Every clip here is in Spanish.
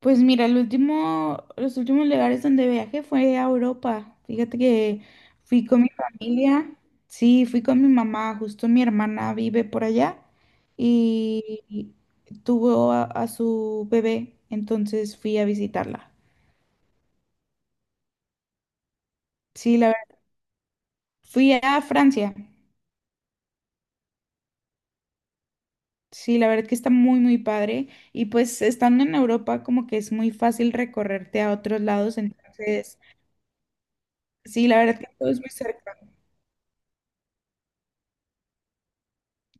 Pues mira, el último, los últimos lugares donde viajé fue a Europa. Fíjate que fui con mi familia, sí, fui con mi mamá, justo mi hermana vive por allá y tuvo a su bebé, entonces fui a visitarla. Sí, la verdad, fui a Francia. Sí, la verdad que está muy, muy padre. Y pues estando en Europa, como que es muy fácil recorrerte a otros lados, entonces, sí, la verdad que todo es muy cerca.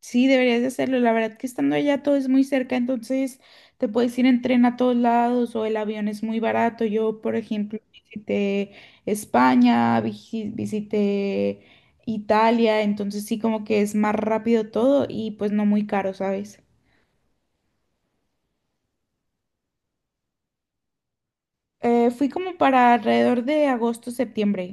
Sí, deberías de hacerlo. La verdad que estando allá todo es muy cerca, entonces te puedes ir en tren a todos lados o el avión es muy barato. Yo, por ejemplo, visité España, visité Italia, entonces sí como que es más rápido todo y pues no muy caro, ¿sabes? Fui como para alrededor de agosto, septiembre.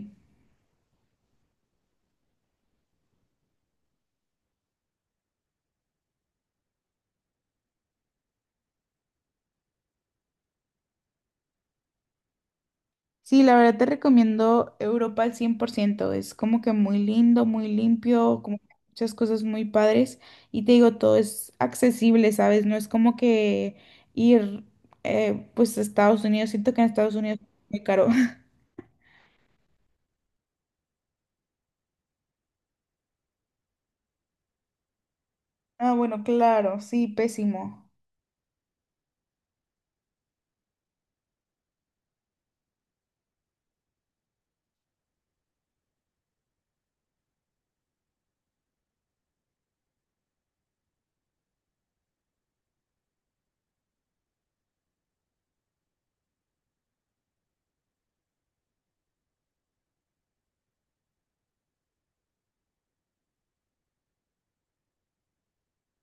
Sí, la verdad te recomiendo Europa al 100%. Es como que muy lindo, muy limpio, como que muchas cosas muy padres. Y te digo, todo es accesible, ¿sabes? No es como que ir pues a Estados Unidos. Siento que en Estados Unidos es muy caro. Ah, bueno, claro, sí, pésimo.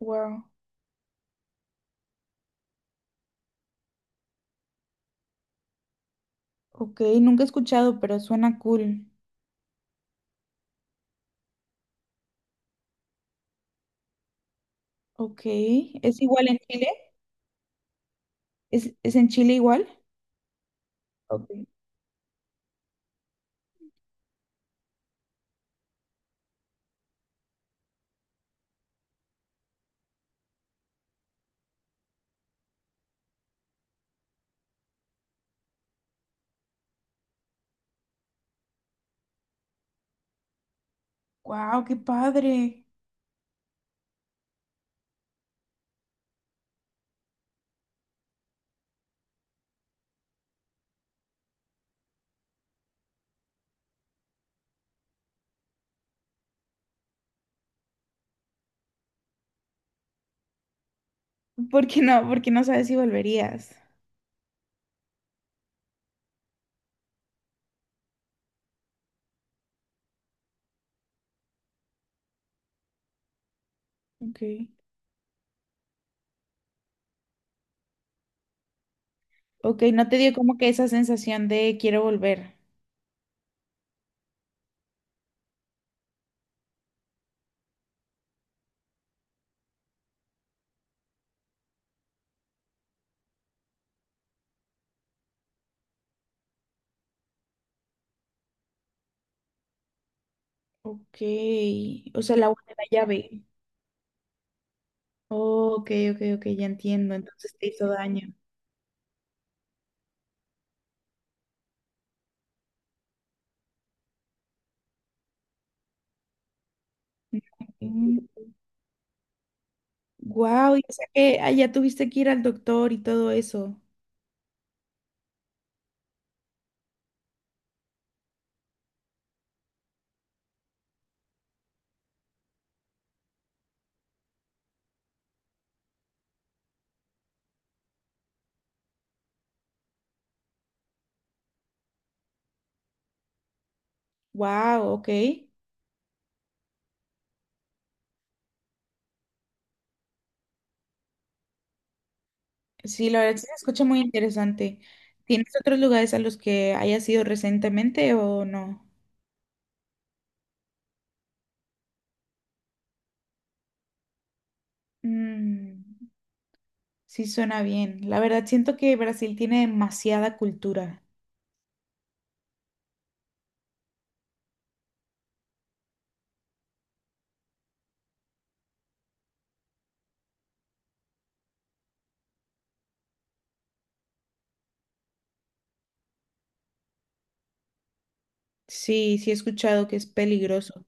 Wow. Ok, nunca he escuchado, pero suena cool. Ok, ¿es igual en Chile? ¿Es en Chile igual? Ok. Wow, qué padre. ¿Por qué no? ¿Por qué no sabes si volverías? Ok. Ok, no te dio como que esa sensación de quiero volver. Ok, o sea, la agua la llave. Ok, ok, ok, ya entiendo. Entonces te hizo daño. Wow, y o sea que allá tuviste que ir al doctor y todo eso. Wow, ok. Sí, la verdad sí se escucha muy interesante. ¿Tienes otros lugares a los que hayas ido recientemente o no? Mm, sí, suena bien. La verdad siento que Brasil tiene demasiada cultura. Sí, sí he escuchado que es peligroso.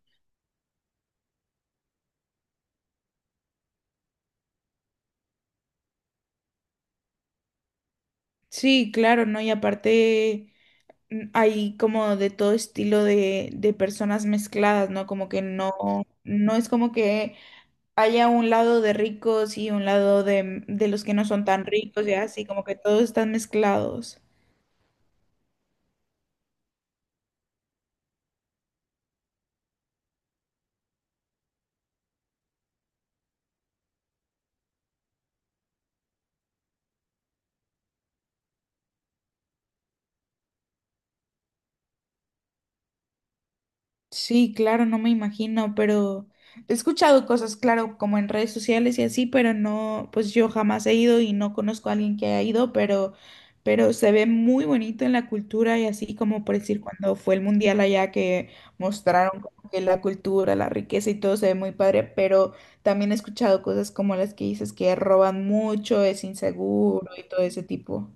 Sí, claro, ¿no? Y aparte hay como de todo estilo de personas mezcladas, ¿no? Como que no, no es como que haya un lado de ricos y un lado de los que no son tan ricos, ya así, como que todos están mezclados. Sí, claro, no me imagino, pero he escuchado cosas, claro, como en redes sociales y así, pero no, pues yo jamás he ido y no conozco a alguien que haya ido, pero se ve muy bonito en la cultura y así como por decir cuando fue el mundial allá que mostraron como que la cultura, la riqueza y todo se ve muy padre, pero también he escuchado cosas como las que dices que roban mucho, es inseguro y todo ese tipo.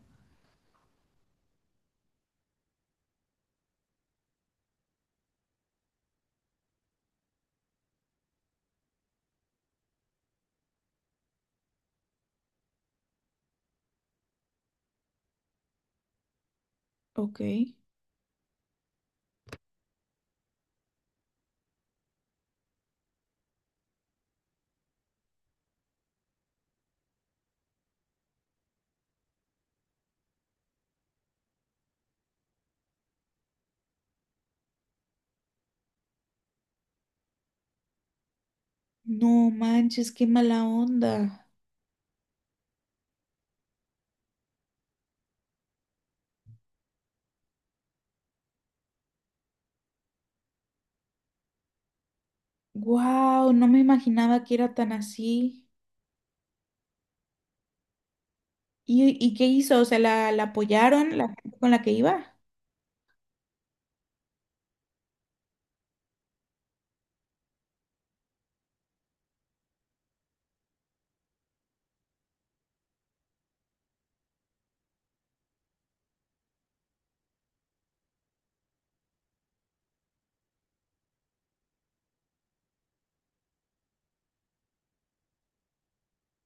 Ok. No manches, qué mala onda. Wow, no me imaginaba que era tan así. Y qué hizo? O sea, ¿la apoyaron la gente con la que iba?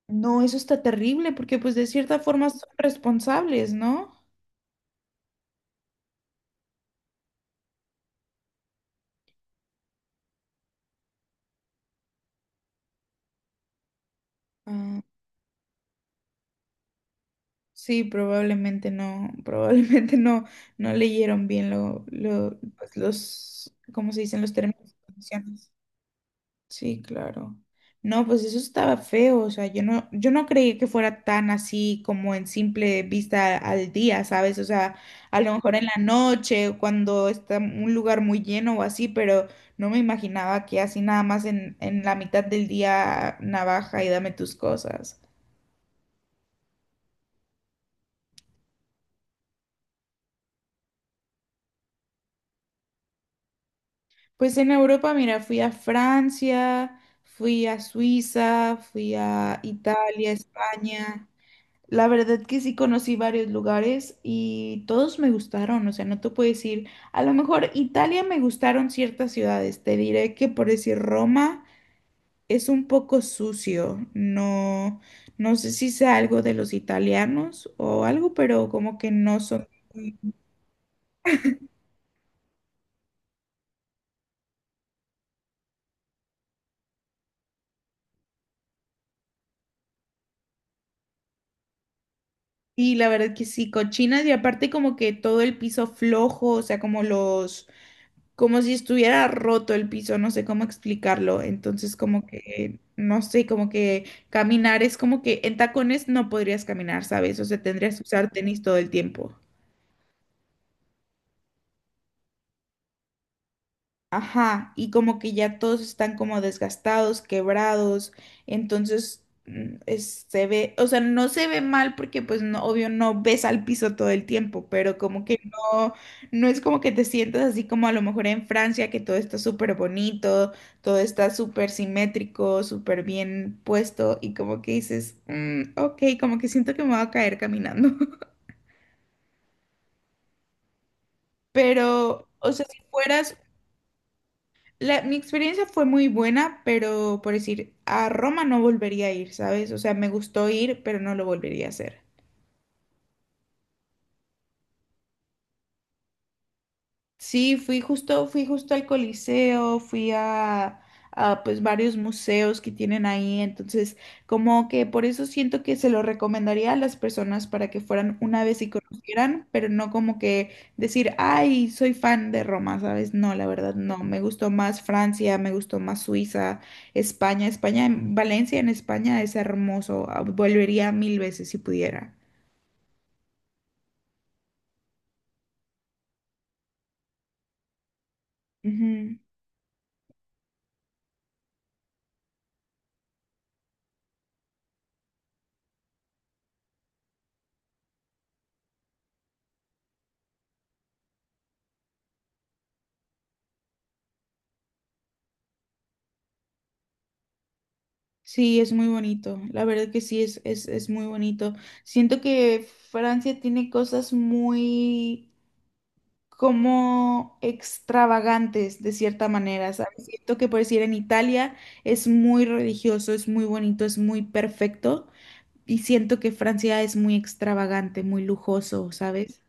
No, eso está terrible porque pues de cierta forma son responsables, ¿no? Ah, sí, probablemente no, probablemente no, no leyeron bien los ¿cómo se dicen? Los términos y condiciones. Sí, claro. No, pues eso estaba feo, o sea, yo no creí que fuera tan así como en simple vista al día, ¿sabes? O sea, a lo mejor en la noche, o cuando está un lugar muy lleno o así, pero no me imaginaba que así nada más en la mitad del día navaja y dame tus cosas. Pues en Europa, mira, fui a Francia, fui a Suiza, fui a Italia, España. La verdad que sí conocí varios lugares y todos me gustaron, o sea, no te puedo decir, a lo mejor Italia me gustaron ciertas ciudades, te diré que por decir Roma es un poco sucio, no, no sé si sea algo de los italianos o algo, pero como que no son... Y la verdad que sí, cochinas y aparte como que todo el piso flojo, o sea, como los... como si estuviera roto el piso, no sé cómo explicarlo. Entonces, como que, no sé, como que caminar es como que en tacones no podrías caminar, ¿sabes? O sea, tendrías que usar tenis todo el tiempo. Ajá, y como que ya todos están como desgastados, quebrados, entonces se ve, o sea, no se ve mal porque pues no, obvio no ves al piso todo el tiempo, pero como que no, no es como que te sientas así como a lo mejor en Francia, que todo está súper bonito, todo está súper simétrico, súper bien puesto y como que dices, "Mm, ok, como que siento que me voy a caer caminando, pero, o sea, si fueras La, mi experiencia fue muy buena, pero por decir, a Roma no volvería a ir, ¿sabes? O sea, me gustó ir, pero no lo volvería a hacer. Sí, fui justo al Coliseo, fui a pues varios museos que tienen ahí, entonces como que por eso siento que se lo recomendaría a las personas para que fueran una vez y conocieran, pero no como que decir, ay, soy fan de Roma, ¿sabes? No, la verdad no, me gustó más Francia, me gustó más Suiza, España, Valencia en España es hermoso, ah, volvería mil veces si pudiera. Sí, es muy bonito. La verdad que sí, es muy bonito. Siento que Francia tiene cosas muy como extravagantes de cierta manera, ¿sabes? Siento que por decir en Italia es muy religioso, es muy bonito, es muy perfecto. Y siento que Francia es muy extravagante, muy lujoso, ¿sabes?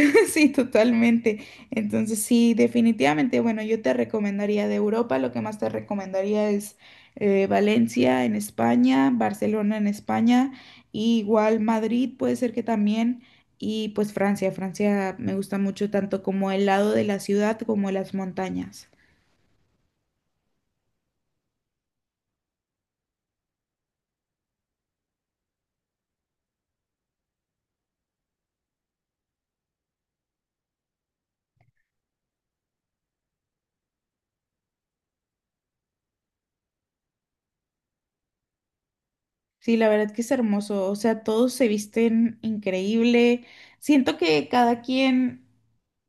Sí, totalmente. Entonces, sí, definitivamente, bueno, yo te recomendaría de Europa, lo que más te recomendaría es Valencia en España, Barcelona en España, y igual Madrid puede ser que también, y pues Francia. Francia me gusta mucho tanto como el lado de la ciudad como las montañas. Sí, la verdad que es hermoso. O sea, todos se visten increíble. Siento que cada quien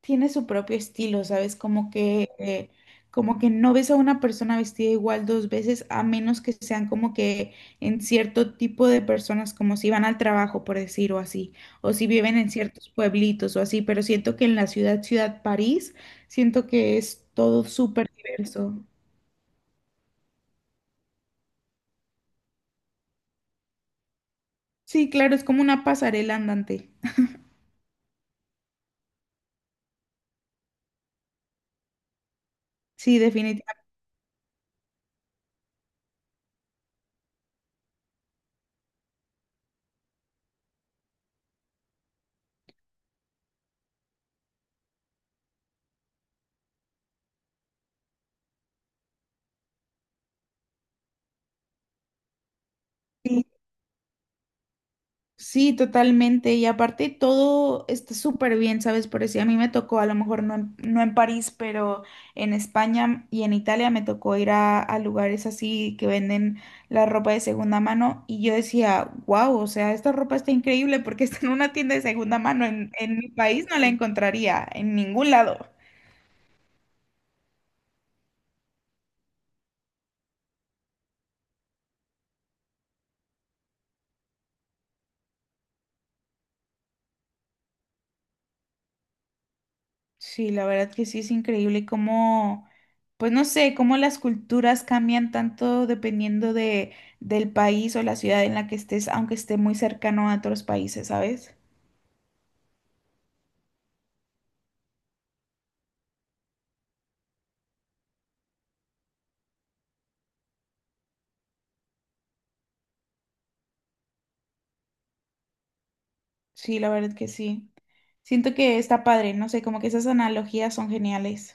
tiene su propio estilo, ¿sabes? Como que no ves a una persona vestida igual dos veces, a menos que sean como que en cierto tipo de personas, como si van al trabajo, por decir, o así, o si viven en ciertos pueblitos o así, pero siento que en ciudad París, siento que es todo súper diverso. Sí, claro, es como una pasarela andante. Sí, definitivamente. Sí, totalmente. Y aparte todo está súper bien, ¿sabes? Por decir, a mí me tocó, a lo mejor no en, no en París, pero en España y en Italia me tocó ir a lugares así que venden la ropa de segunda mano. Y yo decía, wow, o sea, esta ropa está increíble porque está en una tienda de segunda mano. En mi país no la encontraría, en ningún lado. Sí, la verdad que sí es increíble cómo, pues no sé, cómo las culturas cambian tanto dependiendo de, del país o la ciudad en la que estés, aunque esté muy cercano a otros países, ¿sabes? Sí, la verdad que sí. Siento que está padre, no sé, como que esas analogías son geniales.